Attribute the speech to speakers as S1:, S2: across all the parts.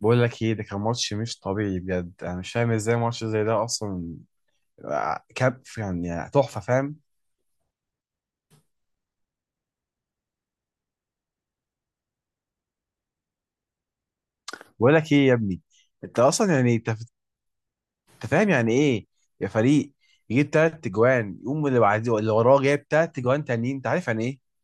S1: بقول لك ايه، ده كان ماتش مش طبيعي بجد. انا مش فاهم ازاي ماتش زي ده اصلا. كاب يعني تحفه، فاهم؟ بقول لك ايه يا ابني، انت اصلا يعني أنت فاهم يعني ايه يا فريق يجيب تلات اجوان، يقوم اللي بعديه اللي وراه جايب تلات اجوان تانيين؟ انت عارف يعني ايه؟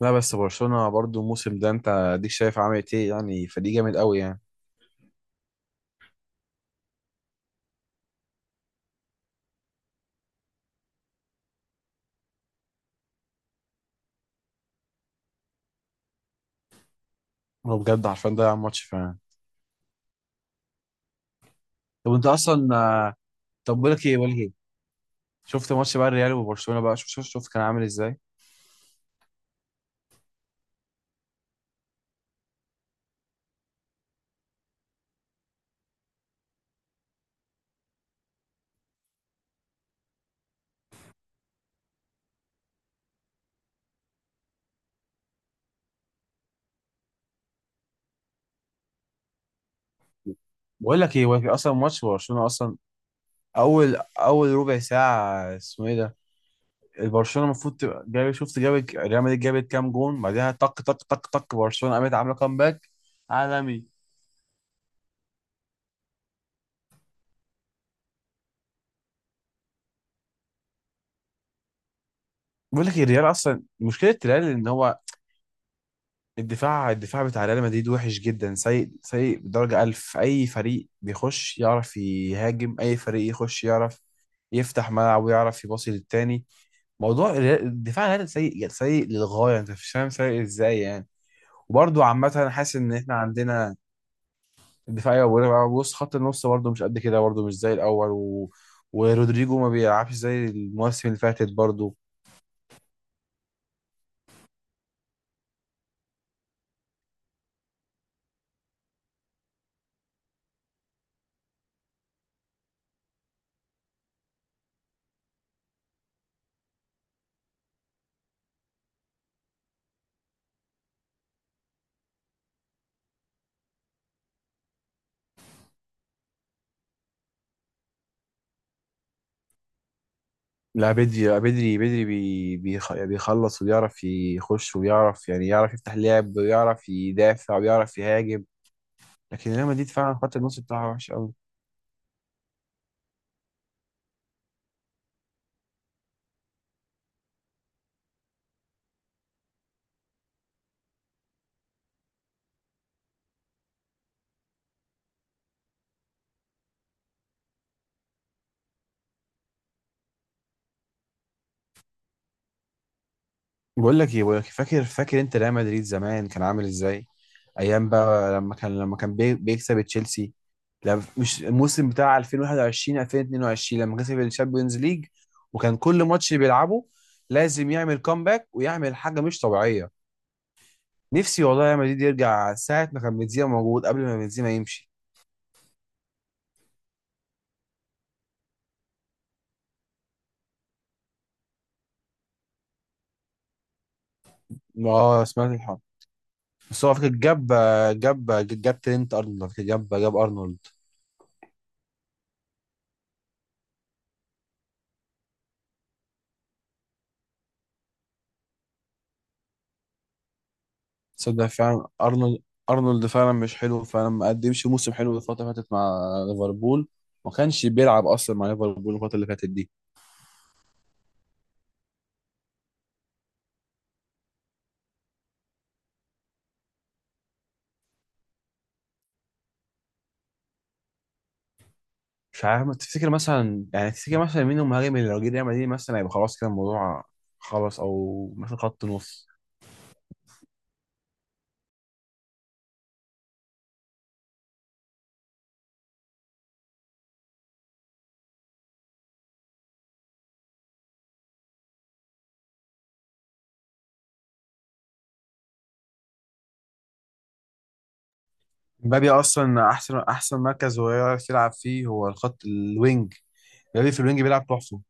S1: لا بس برشلونه برضو الموسم ده انت اديك شايف عملت ايه، يعني فريق جامد قوي يعني. هو بجد عارفين ده ماتش فعلا. طب انت اصلا طب بقول لك ايه، شفت ماتش بقى الريال وبرشلونه بقى؟ شوف شوف شوف كان عامل ازاي. بقول لك ايه، هو في اصلا ماتش برشلونه اصلا اول ربع ساعه اسمه ايه ده! البرشلونه المفروض تبقى جايب، شفت جابت ريال مدريد جابت كام جون، بعدها طق طق طق طق برشلونه قامت عامله كامباك عالمي. بقول لك إيه، الريال اصلا مشكله الريال ان هو الدفاع بتاع ريال مدريد وحش جدا، سيء سيء بدرجه ألف. اي فريق بيخش يعرف يهاجم، اي فريق يخش يعرف يفتح ملعب ويعرف يباصي للتاني. موضوع الريال، الدفاع الريال سيء سيء للغايه، انت مش فاهم سيء ازاي يعني. وبرضه عامة أنا حاسس إن إحنا عندنا دفاعية، وبص خط النص برضه مش قد كده، برضه مش زي الأول ورودريجو ما بيلعبش زي المواسم اللي فاتت برضه. لا بدري، لا بدري، بيخلص وبيعرف يخش وبيعرف يعني يعرف يفتح لعب ويعرف يدافع ويعرف يهاجم. لكن ريال مدريد فعلا خط النص بتاعها وحش أوي. بقول لك ايه، بقول لك، فاكر انت ريال مدريد زمان كان عامل ازاي؟ ايام بقى لما كان بيكسب تشيلسي. لا مش الموسم بتاع 2021 2022 لما كسب الشامبيونز ليج. وكان كل ماتش بيلعبه لازم يعمل كومباك ويعمل حاجه مش طبيعيه. نفسي والله ريال مدريد يرجع ساعه ما كان بنزيما موجود، قبل ما بنزيما يمشي. اه سمعت الحوار. بس هو فاكر، جاب جاب ترينت ارنولد، فاكر جاب ارنولد. تصدق فعلا ارنولد فعلا مش حلو فعلا، ما قدمش موسم حلو الفتره اللي فاتت مع ليفربول. ما كانش بيلعب اصلا مع ليفربول الفتره اللي فاتت دي. مش عارف، ما تفتكر مثلا، يعني تفتكر مثلا مين المهاجم اللي لو جه ريال مدريد مثلا هيبقى خلاص كده الموضوع خلاص، او مثلا خط نص؟ مبابي اصلا احسن مركز هو يعرف يلعب فيه هو الخط الوينج. مبابي في الوينج بيلعب تحفه.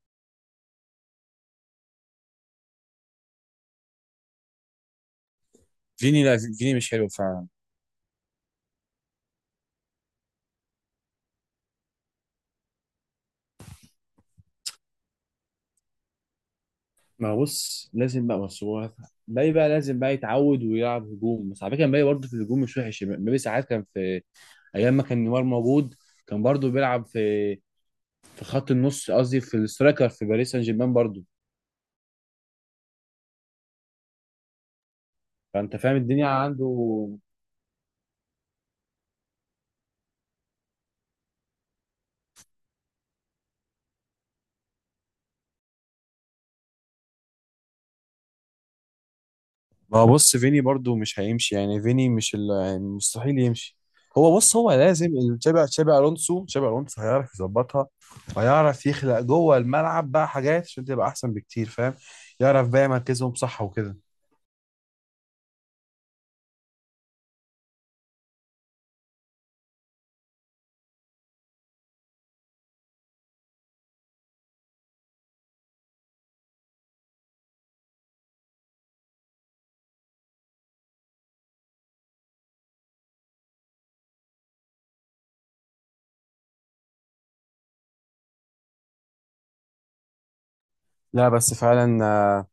S1: فيني، لا فيني مش حلو فعلا. ما بص لازم بقى بس هو مبابي بقى لازم بقى يتعود ويلعب هجوم. بس على فكره مبابي برضه في الهجوم مش وحش. مبابي ساعات كان في ايام ما كان نيمار موجود، كان برضه بيلعب في خط النص، قصدي في السترايكر في باريس سان جيرمان برضه. فانت فاهم الدنيا عنده. ما هو بص، فيني برضو مش هيمشي يعني، فيني مش يعني مستحيل يمشي. هو بص هو لازم تشابي الونسو هيعرف يظبطها، وهيعرف يخلق جوه الملعب بقى حاجات عشان تبقى احسن بكتير، فاهم؟ يعرف بقى مركزهم صح وكده. لا بس فعلا،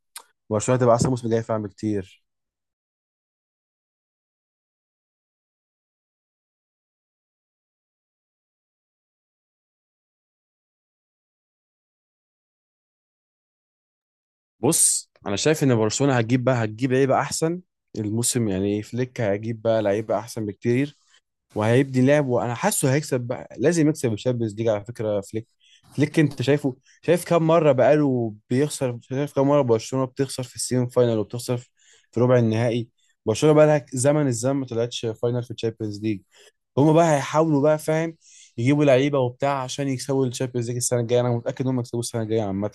S1: برشلونه تبقى احسن موسم جاي فعلا بكتير. بص انا شايف ان برشلونه هتجيب لعيبه احسن الموسم، يعني فليك هيجيب بقى لعيبه احسن بكتير. وهيبدي لعب، وانا حاسه هيكسب بقى، لازم يكسب الشامبيونز ليج على فكره فليك انت شايفه؟ شايف كام مره بقاله بيخسر، شايف كام مره برشلونه بتخسر في السيمي فاينال وبتخسر في ربع النهائي. برشلونه بقى لها زمن الزمن ما طلعتش فاينال في الشامبيونز ليج. هما بقى هيحاولوا بقى، فاهم، يجيبوا لعيبه وبتاع عشان يكسبوا الشامبيونز ليج السنه الجايه. انا متاكد ان هم يكسبوا السنه الجايه عامه.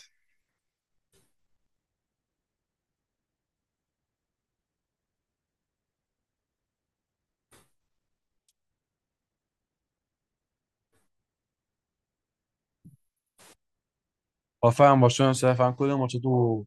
S1: هو فعلا برشلونه صراحة فعلا كل ماتشاته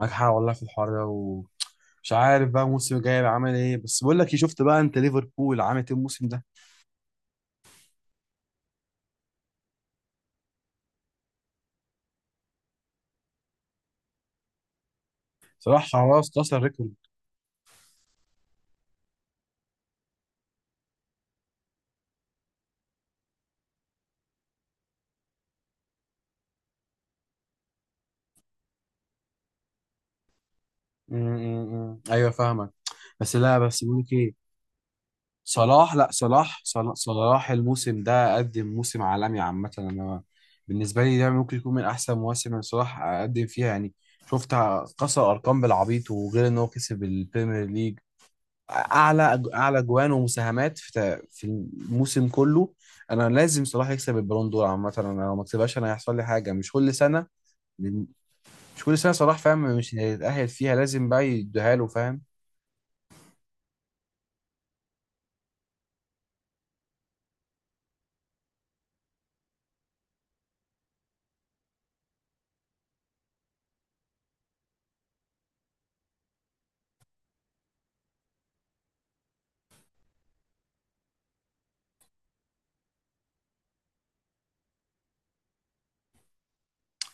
S1: ناجحه، والله في الحوار ده، ومش عارف بقى الموسم الجاي هيبقى عامل ايه. بس بقول لك إيه، شفت بقى انت ليفربول عامل ايه الموسم ده؟ صراحه خلاص كسر ريكورد. م- م- م. ايوه، فاهمك. بس لا بس بقول لك ايه، صلاح، لا صلاح صلاح, صلاح الموسم ده قدم موسم عالمي. عامة أنا بالنسبة لي ده ممكن يكون من أحسن مواسم اللي صلاح قدم فيها يعني، شفت كسر أرقام بالعبيط. وغير إن هو كسب البريمير ليج أعلى جوان ومساهمات في في الموسم كله. أنا لازم صلاح يكسب البالون دور، عامة أنا لو ما كسبهاش أنا هيحصل لي حاجة. مش كل سنة، مش صلاح، فاهم، مش هيتأهل فيها، لازم بقى يديها له فاهم.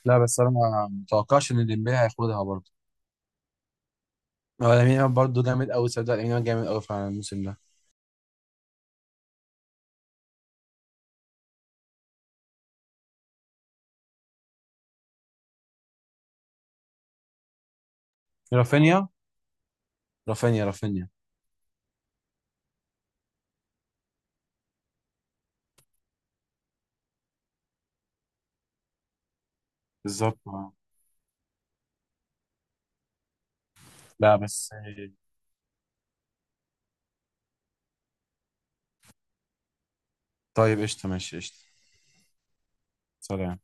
S1: لا بس أنا ما متوقعش إن ديمبلي هياخدها برضه. هو لامين يامال برضه جامد قوي، صدق لامين يامال جامد قوي فعلا الموسم ده. رافينيا، رافينيا، رافينيا، بالظبط آه. لا بس. طيب قشطة، ماشي قشطة. سلام.